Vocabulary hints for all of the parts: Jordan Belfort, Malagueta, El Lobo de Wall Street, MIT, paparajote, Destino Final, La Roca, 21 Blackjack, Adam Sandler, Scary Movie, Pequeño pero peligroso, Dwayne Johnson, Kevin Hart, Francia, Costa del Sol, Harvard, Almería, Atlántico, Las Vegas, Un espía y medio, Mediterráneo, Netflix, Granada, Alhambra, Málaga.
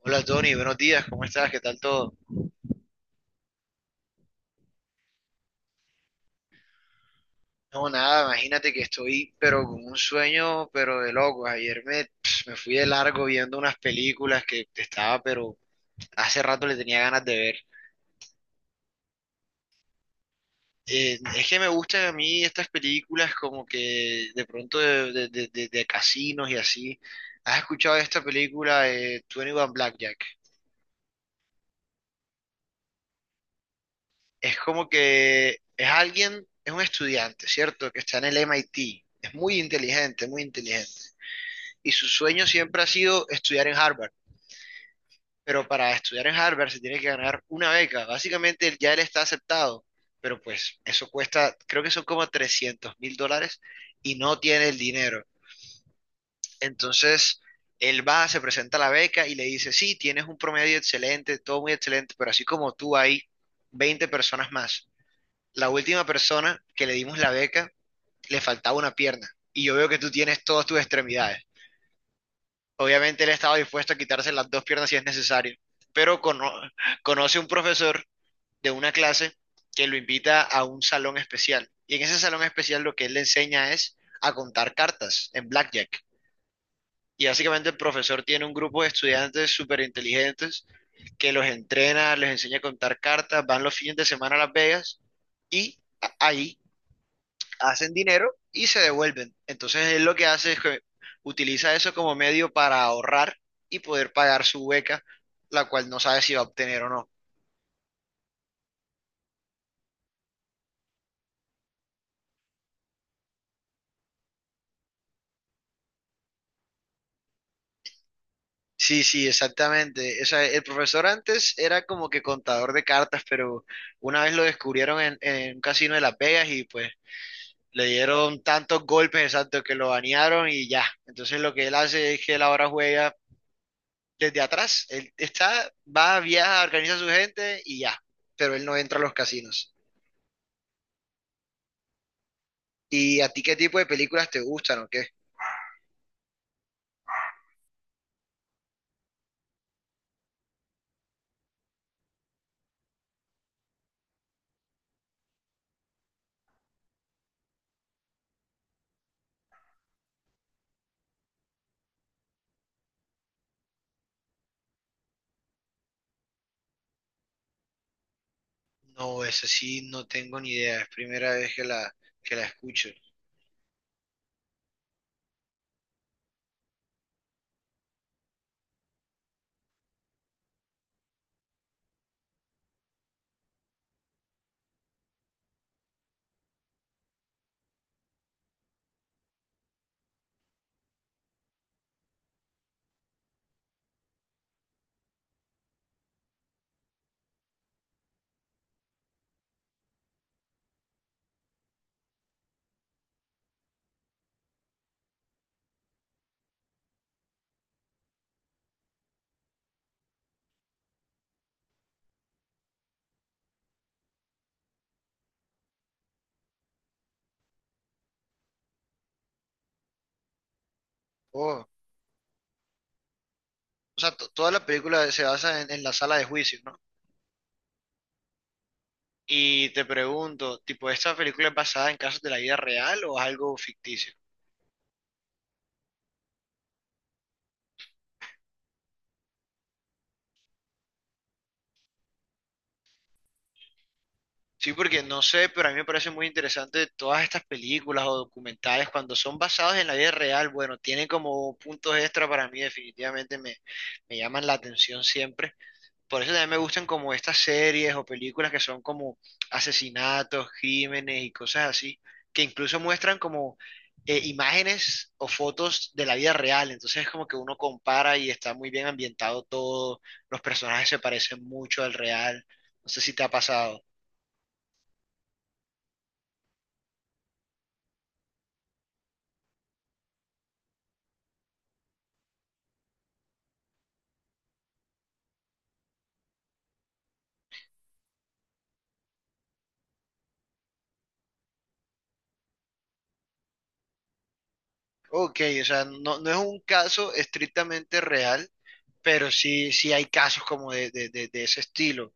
Hola Tony, buenos días, ¿cómo estás? ¿Qué tal todo? No, nada, imagínate que estoy, pero con un sueño, pero de loco. Ayer me, me fui de largo viendo unas películas que estaba, pero hace rato le tenía ganas de ver. Es que me gustan a mí estas películas como que de pronto de casinos y así. ¿Has escuchado de esta película, 21 Blackjack? Es como que es alguien, es un estudiante, ¿cierto? Que está en el MIT. Es muy inteligente, muy inteligente. Y su sueño siempre ha sido estudiar en Harvard, pero para estudiar en Harvard se tiene que ganar una beca. Básicamente él- ya él está aceptado, pero pues eso cuesta, creo que son como $300.000 y no tiene el dinero. Entonces él va, se presenta a la beca y le dice, sí, tienes un promedio excelente, todo muy excelente, pero así como tú hay 20 personas más. La última persona que le dimos la beca le faltaba una pierna y yo veo que tú tienes todas tus extremidades. Obviamente él estaba dispuesto a quitarse las dos piernas si es necesario, pero conoce un profesor de una clase que lo invita a un salón especial. Y en ese salón especial lo que él le enseña es a contar cartas en blackjack. Y básicamente el profesor tiene un grupo de estudiantes súper inteligentes que los entrena, les enseña a contar cartas, van los fines de semana a Las Vegas y ahí hacen dinero y se devuelven. Entonces él lo que hace es que utiliza eso como medio para ahorrar y poder pagar su beca, la cual no sabe si va a obtener o no. Sí, sí, exactamente. O sea, el profesor antes era como que contador de cartas, pero una vez lo descubrieron en un casino de Las Vegas y pues le dieron tantos golpes exactos que lo banearon y ya. Entonces lo que él hace es que él ahora juega desde atrás. Él está, va, viaja, organiza a su gente y ya. Pero él no entra a los casinos. ¿Y a ti qué tipo de películas te gustan o qué? No, esa sí no tengo ni idea, es primera vez que que la escucho. Oh, o sea, toda la película se basa en la sala de juicio, ¿no? Y te pregunto, tipo, ¿esta película es basada en casos de la vida real o es algo ficticio? Sí, porque no sé, pero a mí me parece muy interesante todas estas películas o documentales cuando son basados en la vida real, bueno, tienen como puntos extra para mí, definitivamente me llaman la atención siempre. Por eso también me gustan como estas series o películas que son como asesinatos, crímenes y cosas así, que incluso muestran como imágenes o fotos de la vida real. Entonces es como que uno compara y está muy bien ambientado todo, los personajes se parecen mucho al real. No sé si te ha pasado. Ok, o sea, no, no es un caso estrictamente real, pero sí, sí hay casos como de, de ese estilo.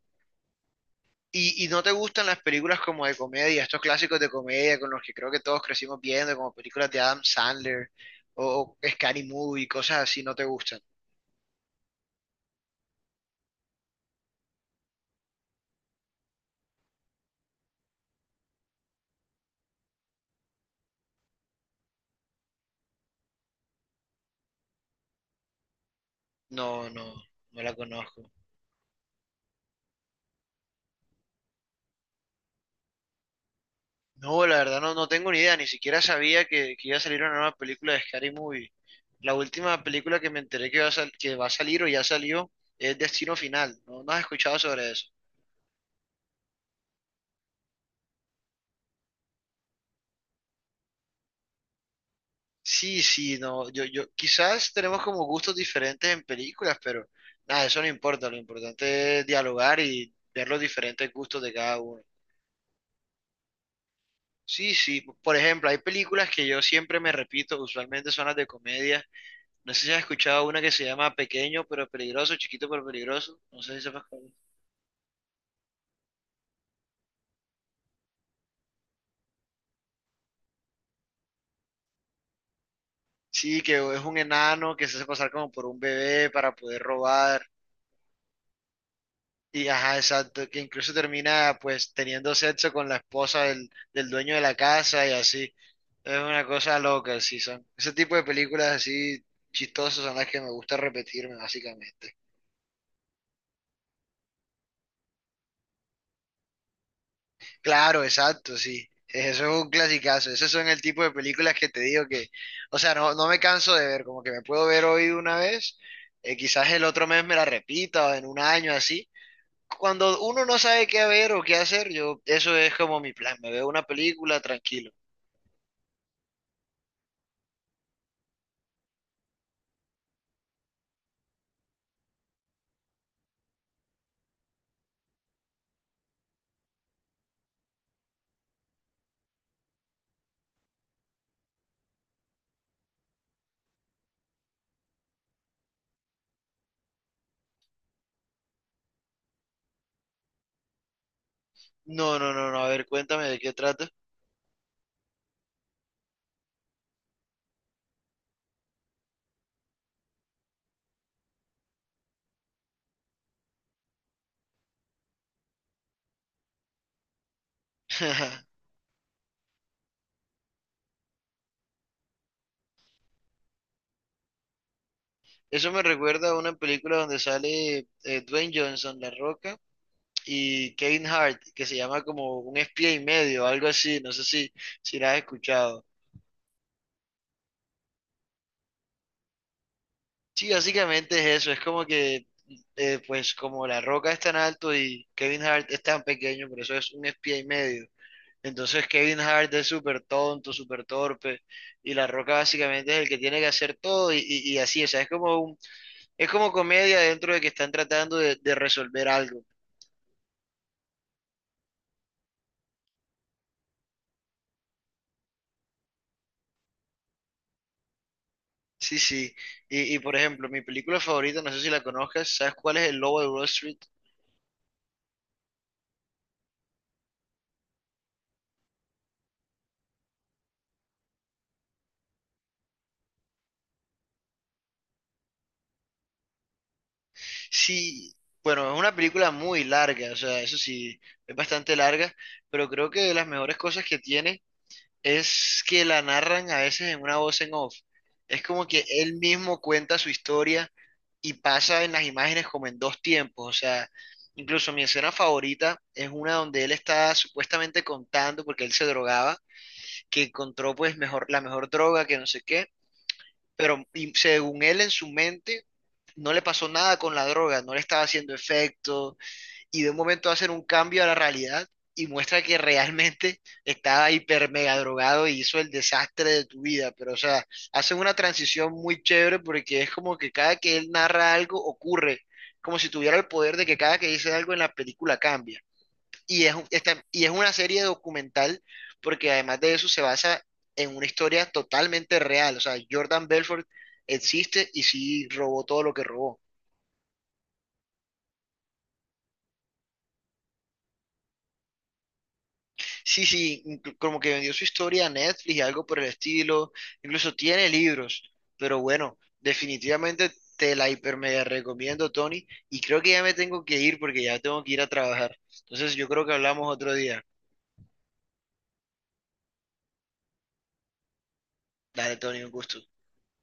Y no te gustan las películas como de comedia, estos clásicos de comedia con los que creo que todos crecimos viendo, como películas de Adam Sandler o Scary Movie, cosas así, no te gustan? No, no, no la conozco. No, la verdad no, no tengo ni idea, ni siquiera sabía que iba a salir una nueva película de Scary Movie. La última película que me enteré que va a, que va a salir o ya salió es Destino Final. ¿No, no has escuchado sobre eso? Sí, sí, no, yo, quizás tenemos como gustos diferentes en películas, pero nada, eso no importa, lo importante es dialogar y ver los diferentes gustos de cada uno. Sí, sí, por ejemplo, hay películas que yo siempre me repito, usualmente son las de comedia. No sé si has escuchado una que se llama Pequeño pero peligroso, Chiquito pero peligroso, no sé si sepas cuál es. Sí, que es un enano que se hace pasar como por un bebé para poder robar. Y ajá, exacto, que incluso termina pues teniendo sexo con la esposa del, del dueño de la casa y así. Es una cosa loca, sí, son. Ese tipo de películas así chistosas son las que me gusta repetirme, básicamente. Claro, exacto, sí. Eso es un clasicazo. Esos son el tipo de películas que te digo que, o sea, no, no me canso de ver, como que me puedo ver hoy una vez, quizás el otro mes me la repita o en un año así. Cuando uno no sabe qué ver o qué hacer, yo, eso es como mi plan. Me veo una película tranquilo. No, no, no, no. A ver, cuéntame de qué trata. Eso me recuerda a una película donde sale Dwayne Johnson, La Roca, y Kevin Hart, que se llama como Un espía y medio, algo así, no sé si, si la has escuchado. Sí, básicamente es eso, es como que, pues como La Roca es tan alto y Kevin Hart es tan pequeño, por eso es un espía y medio. Entonces Kevin Hart es súper tonto, súper torpe, y La Roca básicamente es el que tiene que hacer todo y, y así, o sea, es como un, es como comedia dentro de que están tratando de resolver algo. Sí, sí. Y por ejemplo, mi película favorita, no sé si la conozcas, ¿sabes cuál es El Lobo de Wall Street? Sí, bueno, es una película muy larga, o sea, eso sí, es bastante larga, pero creo que de las mejores cosas que tiene es que la narran a veces en una voz en off. Es como que él mismo cuenta su historia y pasa en las imágenes como en dos tiempos, o sea, incluso mi escena favorita es una donde él está supuestamente contando, porque él se drogaba, que encontró pues mejor, la mejor droga, que no sé qué. Pero y según él en su mente, no le pasó nada con la droga, no le estaba haciendo efecto, y de un momento hacen un cambio a la realidad y muestra que realmente estaba hiper mega drogado y hizo el desastre de tu vida. Pero, o sea, hacen una transición muy chévere porque es como que cada que él narra algo ocurre, como si tuviera el poder de que cada que dice algo en la película cambia y es, y es una serie documental porque además de eso se basa en una historia totalmente real. O sea, Jordan Belfort existe y sí robó todo lo que robó. Sí, sí, como que vendió su historia a Netflix y algo por el estilo. Incluso tiene libros. Pero bueno, definitivamente te la hiper mega recomiendo, Tony. Y creo que ya me tengo que ir porque ya tengo que ir a trabajar. Entonces yo creo que hablamos otro día. Dale, Tony, un gusto.